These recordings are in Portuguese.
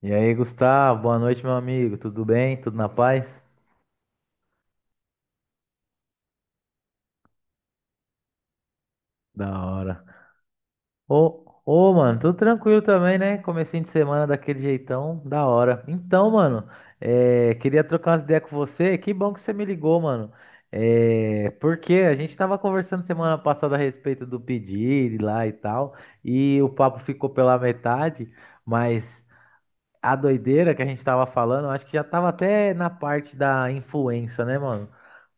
E aí, Gustavo, boa noite, meu amigo. Tudo bem? Tudo na paz? Da hora. Ô, mano, tudo tranquilo também, né? Comecinho de semana daquele jeitão, da hora. Então, mano, queria trocar umas ideias com você. Que bom que você me ligou, mano. É, porque a gente tava conversando semana passada a respeito do pedido lá e tal, e o papo ficou pela metade, mas. A doideira que a gente tava falando, eu acho que já tava até na parte da influência, né, mano?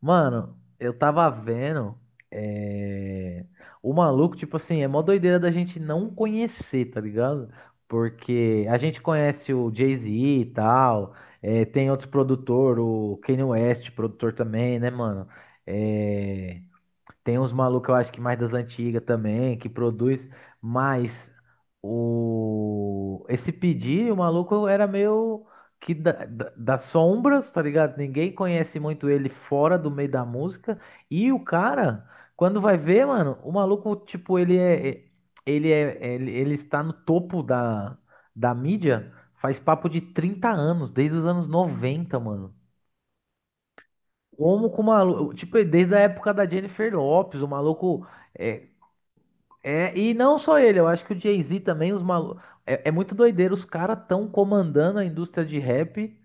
Mano, eu tava vendo. é, O maluco, tipo assim, é mó doideira da gente não conhecer, tá ligado? Porque a gente conhece o Jay-Z e tal, tem outros produtores, o Kanye West, produtor também, né, mano? É, tem uns malucos, eu acho que mais das antigas também, que produz, mas o esse pedir, o maluco era meio que das sombras, tá ligado? Ninguém conhece muito ele fora do meio da música. E o cara, quando vai ver, mano, o maluco, tipo, ele é é ele, ele está no topo da da mídia faz papo de 30 anos, desde os anos 90 mano. Como com o maluco, tipo, desde a época da Jennifer Lopez, o maluco é, e não só ele, eu acho que o Jay-Z também, os malu É, é muito doideiro, os caras estão comandando a indústria de rap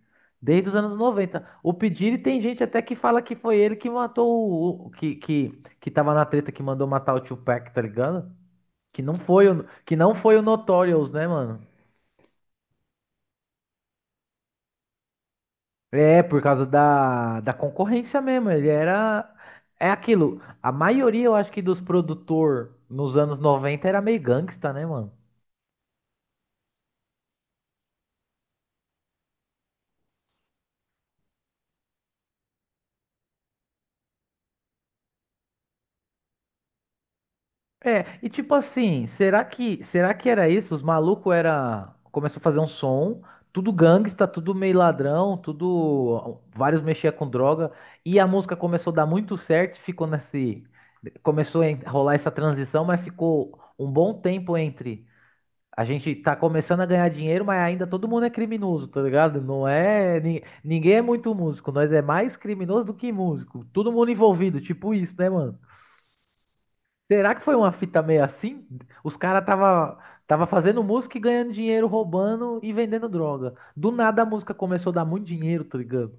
desde os anos 90. O P. Diddy tem gente até que fala que foi ele que matou que tava na treta que mandou matar o Tupac, tá ligado? Que não foi o Notorious, né, mano? É, por causa da, da concorrência mesmo. Ele era. É aquilo. A maioria, eu acho que, dos produtor nos anos 90 era meio gangsta, né, mano? É, e tipo assim, será que era isso? Os malucos era começou a fazer um som, tudo gangsta, tudo meio ladrão, tudo vários mexia com droga e a música começou a dar muito certo, ficou nesse começou a rolar essa transição, mas ficou um bom tempo entre a gente tá começando a ganhar dinheiro, mas ainda todo mundo é criminoso, tá ligado? Não é ninguém é muito músico, nós é mais criminoso do que músico, todo mundo envolvido, tipo isso, né, mano? Será que foi uma fita meio assim? Os caras tava, tava fazendo música e ganhando dinheiro, roubando e vendendo droga. Do nada a música começou a dar muito dinheiro, tá ligado?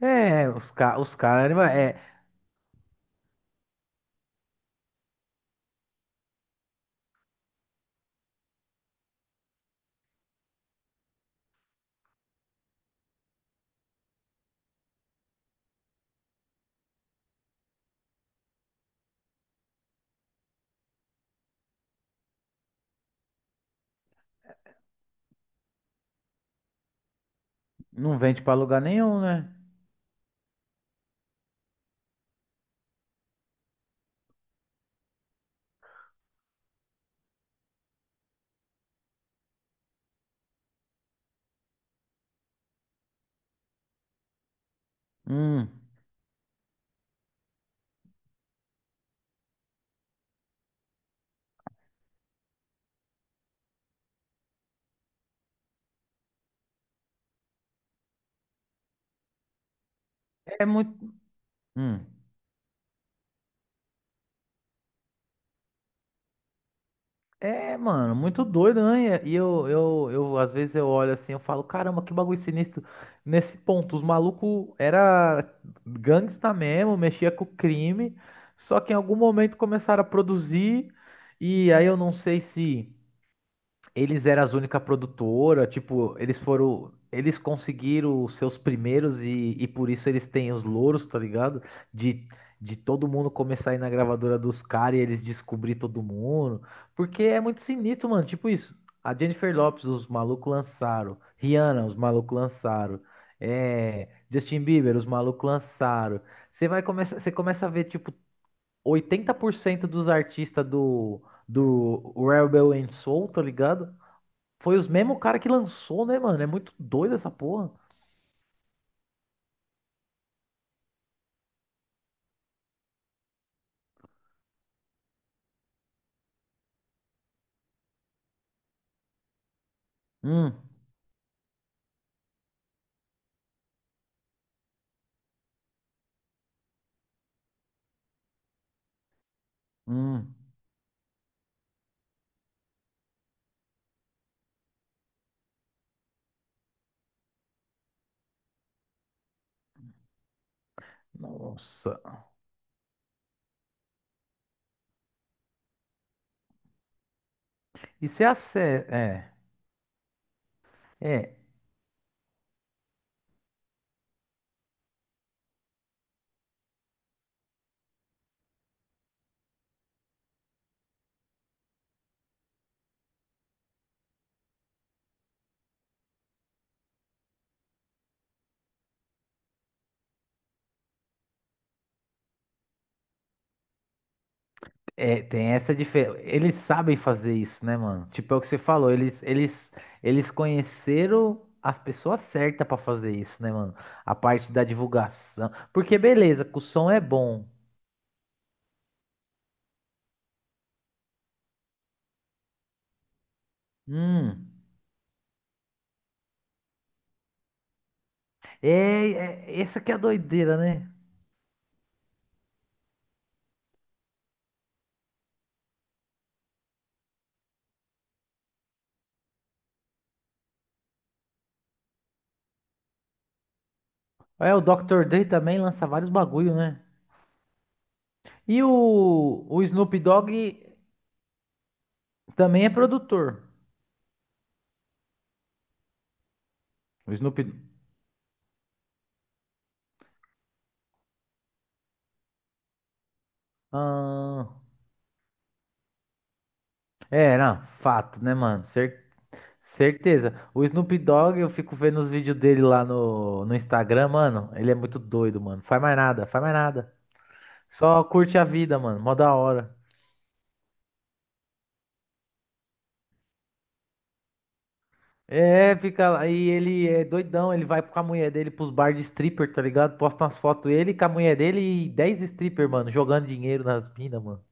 É, os caras, é, não vende pra lugar nenhum, né? hum. É muito. Hum. É, mano, muito doido, né? E eu, às vezes eu olho assim, eu falo, caramba, que bagulho sinistro. Nesse ponto, os malucos era gangsta mesmo, mexia com crime, só que em algum momento começaram a produzir, e aí eu não sei se eles eram as única produtora, tipo, eles foram. Eles conseguiram os seus primeiros por isso eles têm os louros, tá ligado? De, de todo mundo começar a ir na gravadora dos caras e eles descobrir todo mundo. Porque é muito sinistro, mano. Tipo isso. A Jennifer Lopez, os malucos lançaram. Rihanna, os malucos lançaram. É, Justin Bieber, os malucos lançaram. Você vai começar, você começa a ver, tipo, 80% dos artistas do Rebel and Soul, tá ligado? Foi os mesmos cara que lançou, né, mano? É muito doido essa porra. Hum, hum. Nossa. Isso é a sé... é, é, tem essa diferença. Eles sabem fazer isso, né, mano? Tipo, é o que você falou, eles conheceram as pessoas certas pra fazer isso, né, mano? A parte da divulgação. Porque, beleza, que o som é bom. Hum. É, essa que é a doideira, né? É, o Dr. Dre também lança vários bagulho, né? E o Snoop Dogg. Também é produtor. O Snoop. Ah, é, não, fato, né, mano? Certeza. O Snoop Dogg, eu fico vendo os vídeos dele lá no Instagram, mano. Ele é muito doido, mano. Faz mais nada, faz mais nada. Só curte a vida, mano. Mó da hora. É, fica lá. E ele é doidão. Ele vai com a mulher dele pros bar de stripper, tá ligado? Posta umas fotos ele com a mulher dele e 10 stripper, mano. Jogando dinheiro nas minas, mano.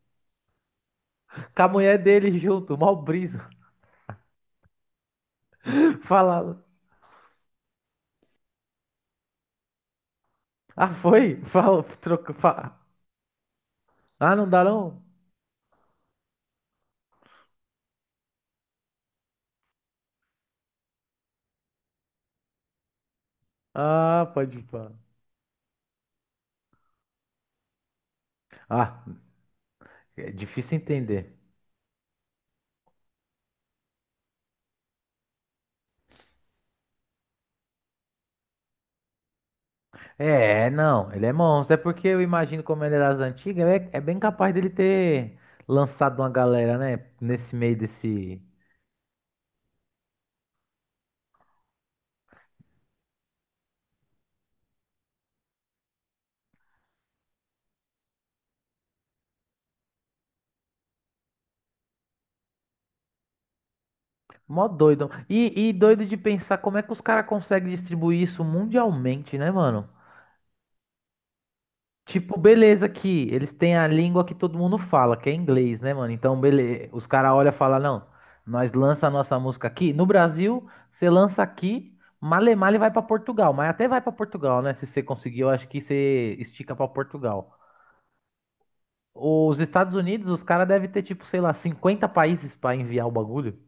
Com a mulher dele junto, mó brisa. Fala. Ah, foi? Fala, Ah, não dá não? Ah, pode pá. Ah, é difícil entender. É, não, ele é monstro. É porque eu imagino como ele era das antigas, bem capaz dele ter lançado uma galera, né? Nesse meio desse. Mó doido. Doido de pensar como é que os caras conseguem distribuir isso mundialmente, né, mano? Tipo, beleza que eles têm a língua que todo mundo fala, que é inglês, né, mano? Então, beleza. Os caras olham e falam, não, nós lança a nossa música aqui. No Brasil, você lança aqui, male male vai pra Portugal. Mas até vai pra Portugal, né? Se você conseguir, eu acho que você estica pra Portugal. Os Estados Unidos, os caras devem ter, tipo, sei lá, 50 países pra enviar o bagulho.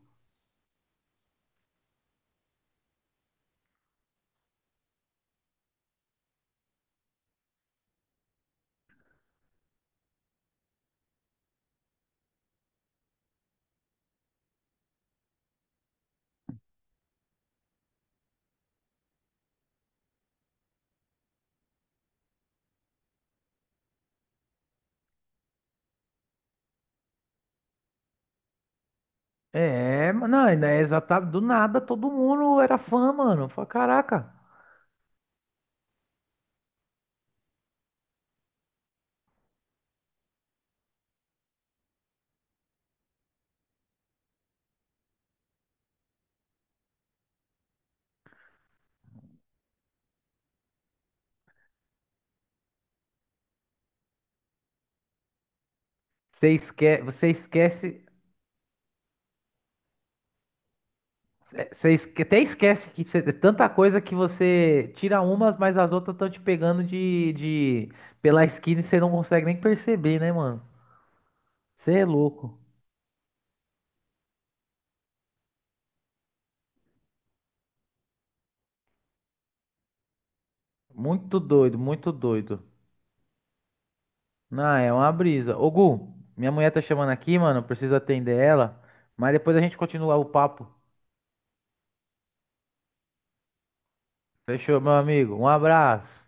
É, mas não, ainda é exatamente do nada, todo mundo era fã, mano. Fala, caraca. Você esquece, Você esque- até esquece que é tanta coisa que você tira umas, mas as outras estão te pegando de pela esquina e você não consegue nem perceber, né, mano? Você é louco. Muito doido, muito doido. Não, é uma brisa. Ô, Gu, minha mulher tá chamando aqui, mano. Preciso atender ela. Mas depois a gente continua o papo. Fechou, meu amigo. Um abraço.